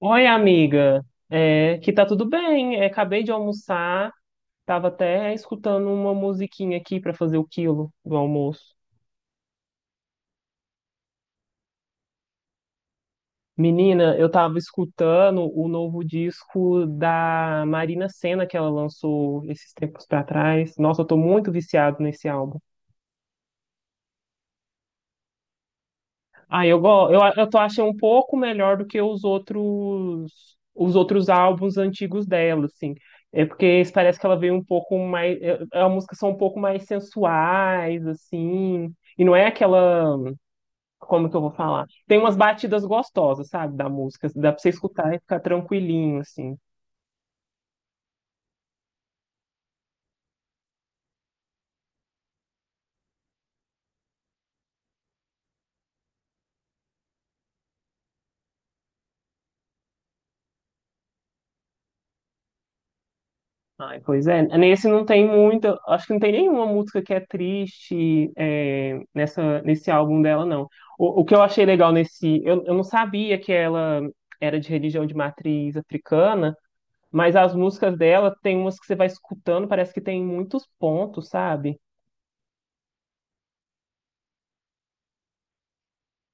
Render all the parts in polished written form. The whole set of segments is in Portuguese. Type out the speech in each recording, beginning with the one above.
Oi, amiga. É, que tá tudo bem. É, acabei de almoçar. Tava até escutando uma musiquinha aqui pra fazer o quilo do almoço. Menina, eu tava escutando o novo disco da Marina Sena que ela lançou esses tempos pra trás. Nossa, eu tô muito viciado nesse álbum. Ah, eu, go- eu, a- eu tô achando um pouco melhor do que os outros álbuns antigos dela, assim. É porque esse parece que ela veio um pouco mais. As músicas são um pouco mais sensuais, assim. E não é aquela. Como que eu vou falar? Tem umas batidas gostosas, sabe, da música. Dá pra você escutar e ficar tranquilinho, assim. Ai, pois é, nesse não tem muita, acho que não tem nenhuma música que é triste nesse álbum dela, não. O que eu achei legal nesse, eu não sabia que ela era de religião de matriz africana, mas as músicas dela tem umas que você vai escutando, parece que tem muitos pontos, sabe?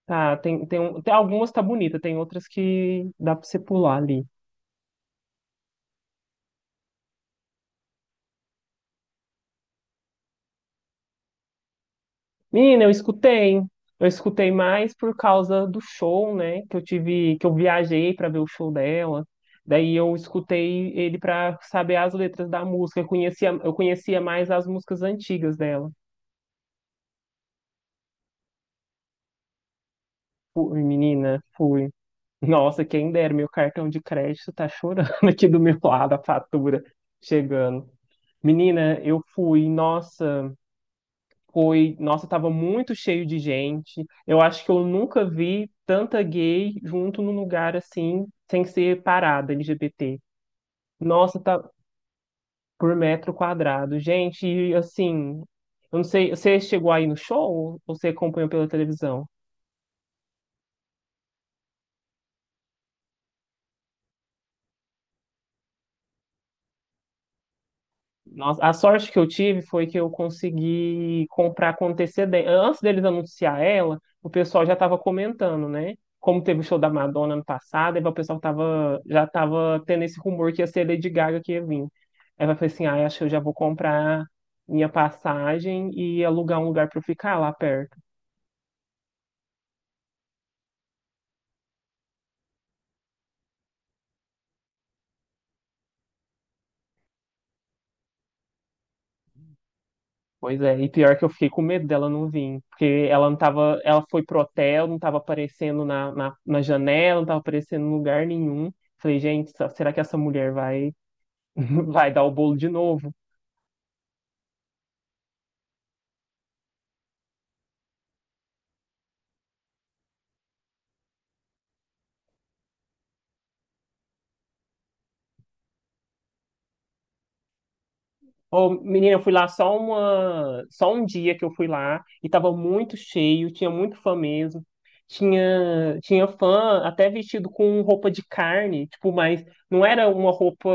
Tá, tem algumas tá bonita, tem outras que dá pra você pular ali. Menina, eu escutei. Eu escutei mais por causa do show, né? Que eu tive, que eu viajei para ver o show dela. Daí eu escutei ele para saber as letras da música. Eu conhecia mais as músicas antigas dela. Fui, menina, fui. Nossa, quem dera, meu cartão de crédito tá chorando aqui do meu lado, a fatura chegando. Menina, eu fui, nossa. Foi, nossa, tava muito cheio de gente. Eu acho que eu nunca vi tanta gay junto num lugar assim, sem ser parada LGBT. Nossa, tá por metro quadrado. Gente, e, assim, eu não sei, você chegou aí no show ou você acompanhou pela televisão? Nossa, a sorte que eu tive foi que eu consegui comprar com antecedência. Antes deles anunciar ela, o pessoal já estava comentando, né? Como teve o show da Madonna ano passado, aí já estava tendo esse rumor que ia ser Lady Gaga que ia vir. Aí eu falei assim, ah, acho que eu já vou comprar minha passagem e alugar um lugar para eu ficar lá perto. Pois é, e pior que eu fiquei com medo dela não vir, porque ela não tava, ela foi pro hotel, não tava aparecendo na janela, não tava aparecendo em lugar nenhum. Falei, gente, será que essa mulher vai, vai dar o bolo de novo? Ô, menina, eu fui lá só um dia que eu fui lá e tava muito cheio, tinha muito fã mesmo. Tinha fã até vestido com roupa de carne, tipo, mas não era uma roupa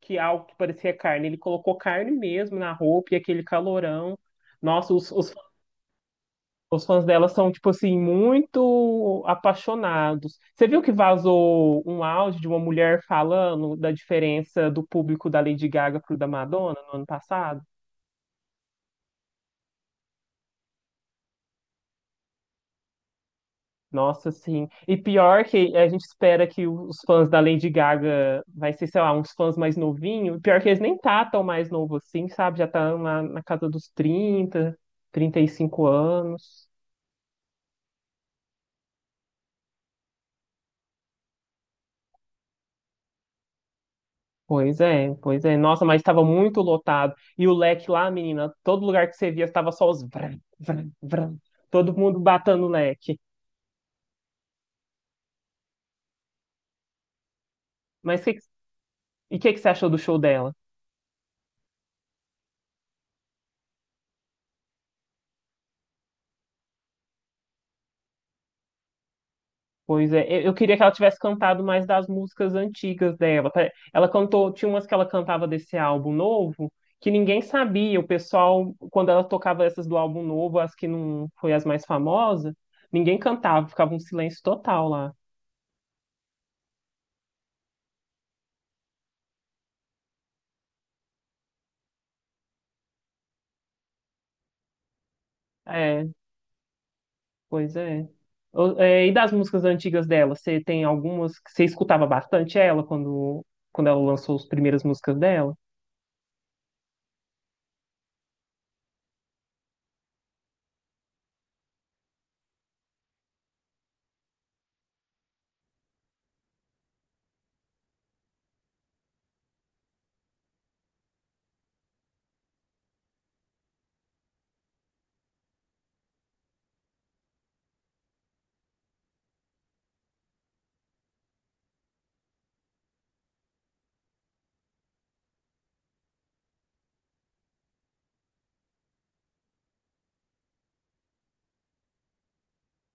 que algo que parecia carne, ele colocou carne mesmo na roupa e aquele calorão. Nossa, os fãs dela são, tipo assim, muito apaixonados. Você viu que vazou um áudio de uma mulher falando da diferença do público da Lady Gaga pro da Madonna no ano passado? Nossa, sim. E pior que a gente espera que os fãs da Lady Gaga vai ser, sei lá, uns fãs mais novinhos. Pior que eles nem tá tão mais novo assim, sabe? Já tá na casa dos 35 anos. Pois é, pois é. Nossa, mas estava muito lotado. E o leque lá, menina, todo lugar que você via estava só os vram, vram, vram. Todo mundo batendo o leque. Mas que, que- e o que você achou do show dela? Pois é, eu queria que ela tivesse cantado mais das músicas antigas dela. Ela cantou, tinha umas que ela cantava desse álbum novo que ninguém sabia. O pessoal, quando ela tocava essas do álbum novo, as que não foi as mais famosas, ninguém cantava, ficava um silêncio total lá. É, pois é. E das músicas antigas dela, você tem algumas que você escutava bastante ela quando ela lançou as primeiras músicas dela?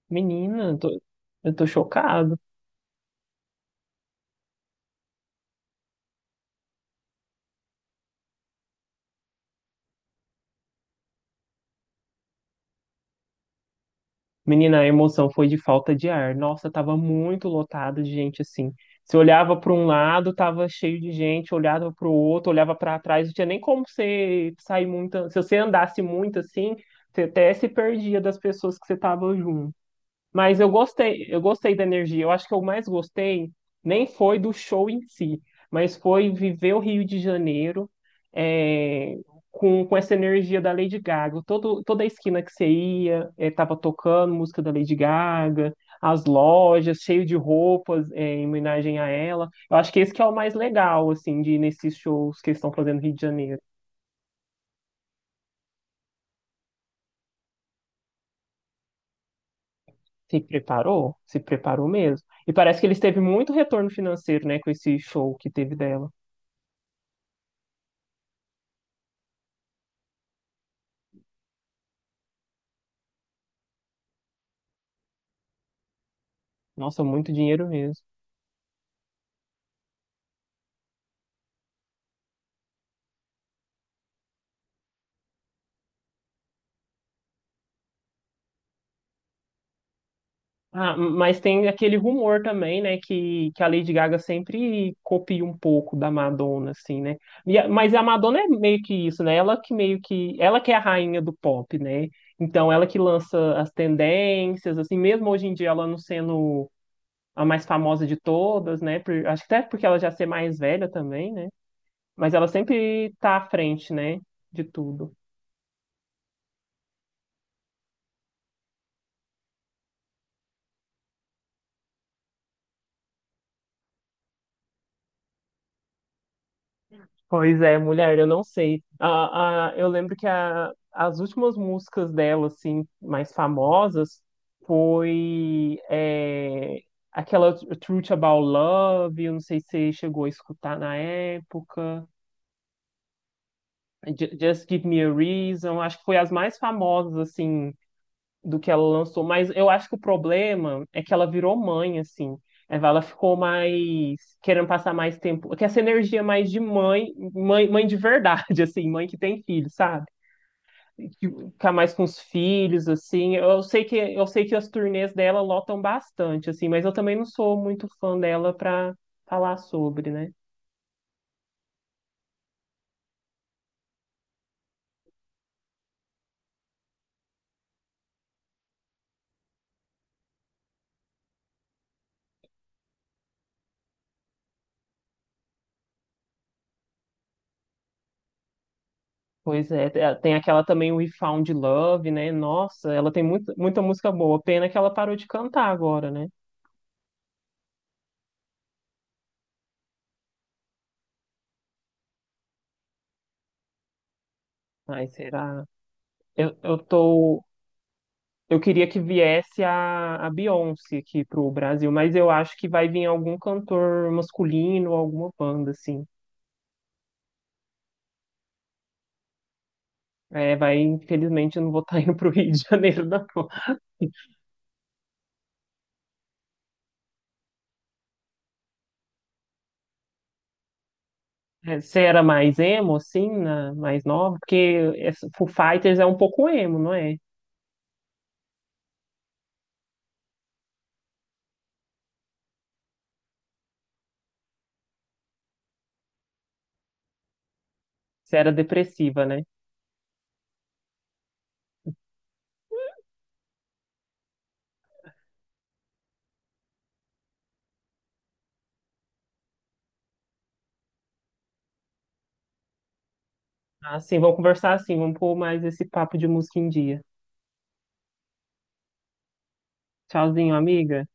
Menina, eu tô chocado. Menina, a emoção foi de falta de ar. Nossa, tava muito lotado de gente assim. Você olhava para um lado, tava cheio de gente, olhava para o outro, olhava para trás, não tinha nem como você sair muito. Se você andasse muito assim, você até se perdia das pessoas que você tava junto. Mas eu gostei da energia. Eu acho que eu mais gostei nem foi do show em si, mas foi viver o Rio de Janeiro é, com essa energia da Lady Gaga. Toda a esquina que você ia, tava tocando música da Lady Gaga, as lojas cheio de roupas em homenagem a ela. Eu acho que esse que é o mais legal, assim, de ir nesses shows que eles estão fazendo no Rio de Janeiro. Se preparou? Se preparou mesmo. E parece que eles teve muito retorno financeiro, né, com esse show que teve dela. Nossa, muito dinheiro mesmo. Ah, mas tem aquele rumor também, né, que a Lady Gaga sempre copia um pouco da Madonna, assim, né? Mas a Madonna é meio que isso, né? Ela que meio que, ela que é a rainha do pop, né? Então ela que lança as tendências, assim, mesmo hoje em dia ela não sendo a mais famosa de todas, né? Acho que até porque ela já ser mais velha também, né? Mas ela sempre tá à frente, né, de tudo. Pois é, mulher, eu não sei. Eu lembro que as últimas músicas dela, assim, mais famosas, foi aquela Truth About Love, eu não sei se você chegou a escutar na época, Just Give Me a Reason, acho que foi as mais famosas, assim, do que ela lançou, mas eu acho que o problema é que ela virou mãe, assim. É, ela ficou mais querendo passar mais tempo, que essa energia é mais de mãe, mãe, mãe de verdade, assim, mãe que tem filho, sabe? Que Ficar mais com os filhos, assim. Eu sei que as turnês dela lotam bastante, assim, mas eu também não sou muito fã dela pra falar sobre, né? Pois é, tem aquela também We Found Love, né? Nossa, ela tem muita, muita música boa. Pena que ela parou de cantar agora, né? Ai, será? Eu tô. Eu queria que viesse a Beyoncé aqui pro Brasil, mas eu acho que vai vir algum cantor masculino, alguma banda, assim. É, vai, infelizmente, eu não vou estar indo pro Rio de Janeiro, não. É, você era mais emo, assim, mais nova? Porque Foo Fighters é um pouco emo, não é? Você era depressiva, né? Assim, vamos conversar assim, vamos pôr mais esse papo de música em dia. Tchauzinho, amiga.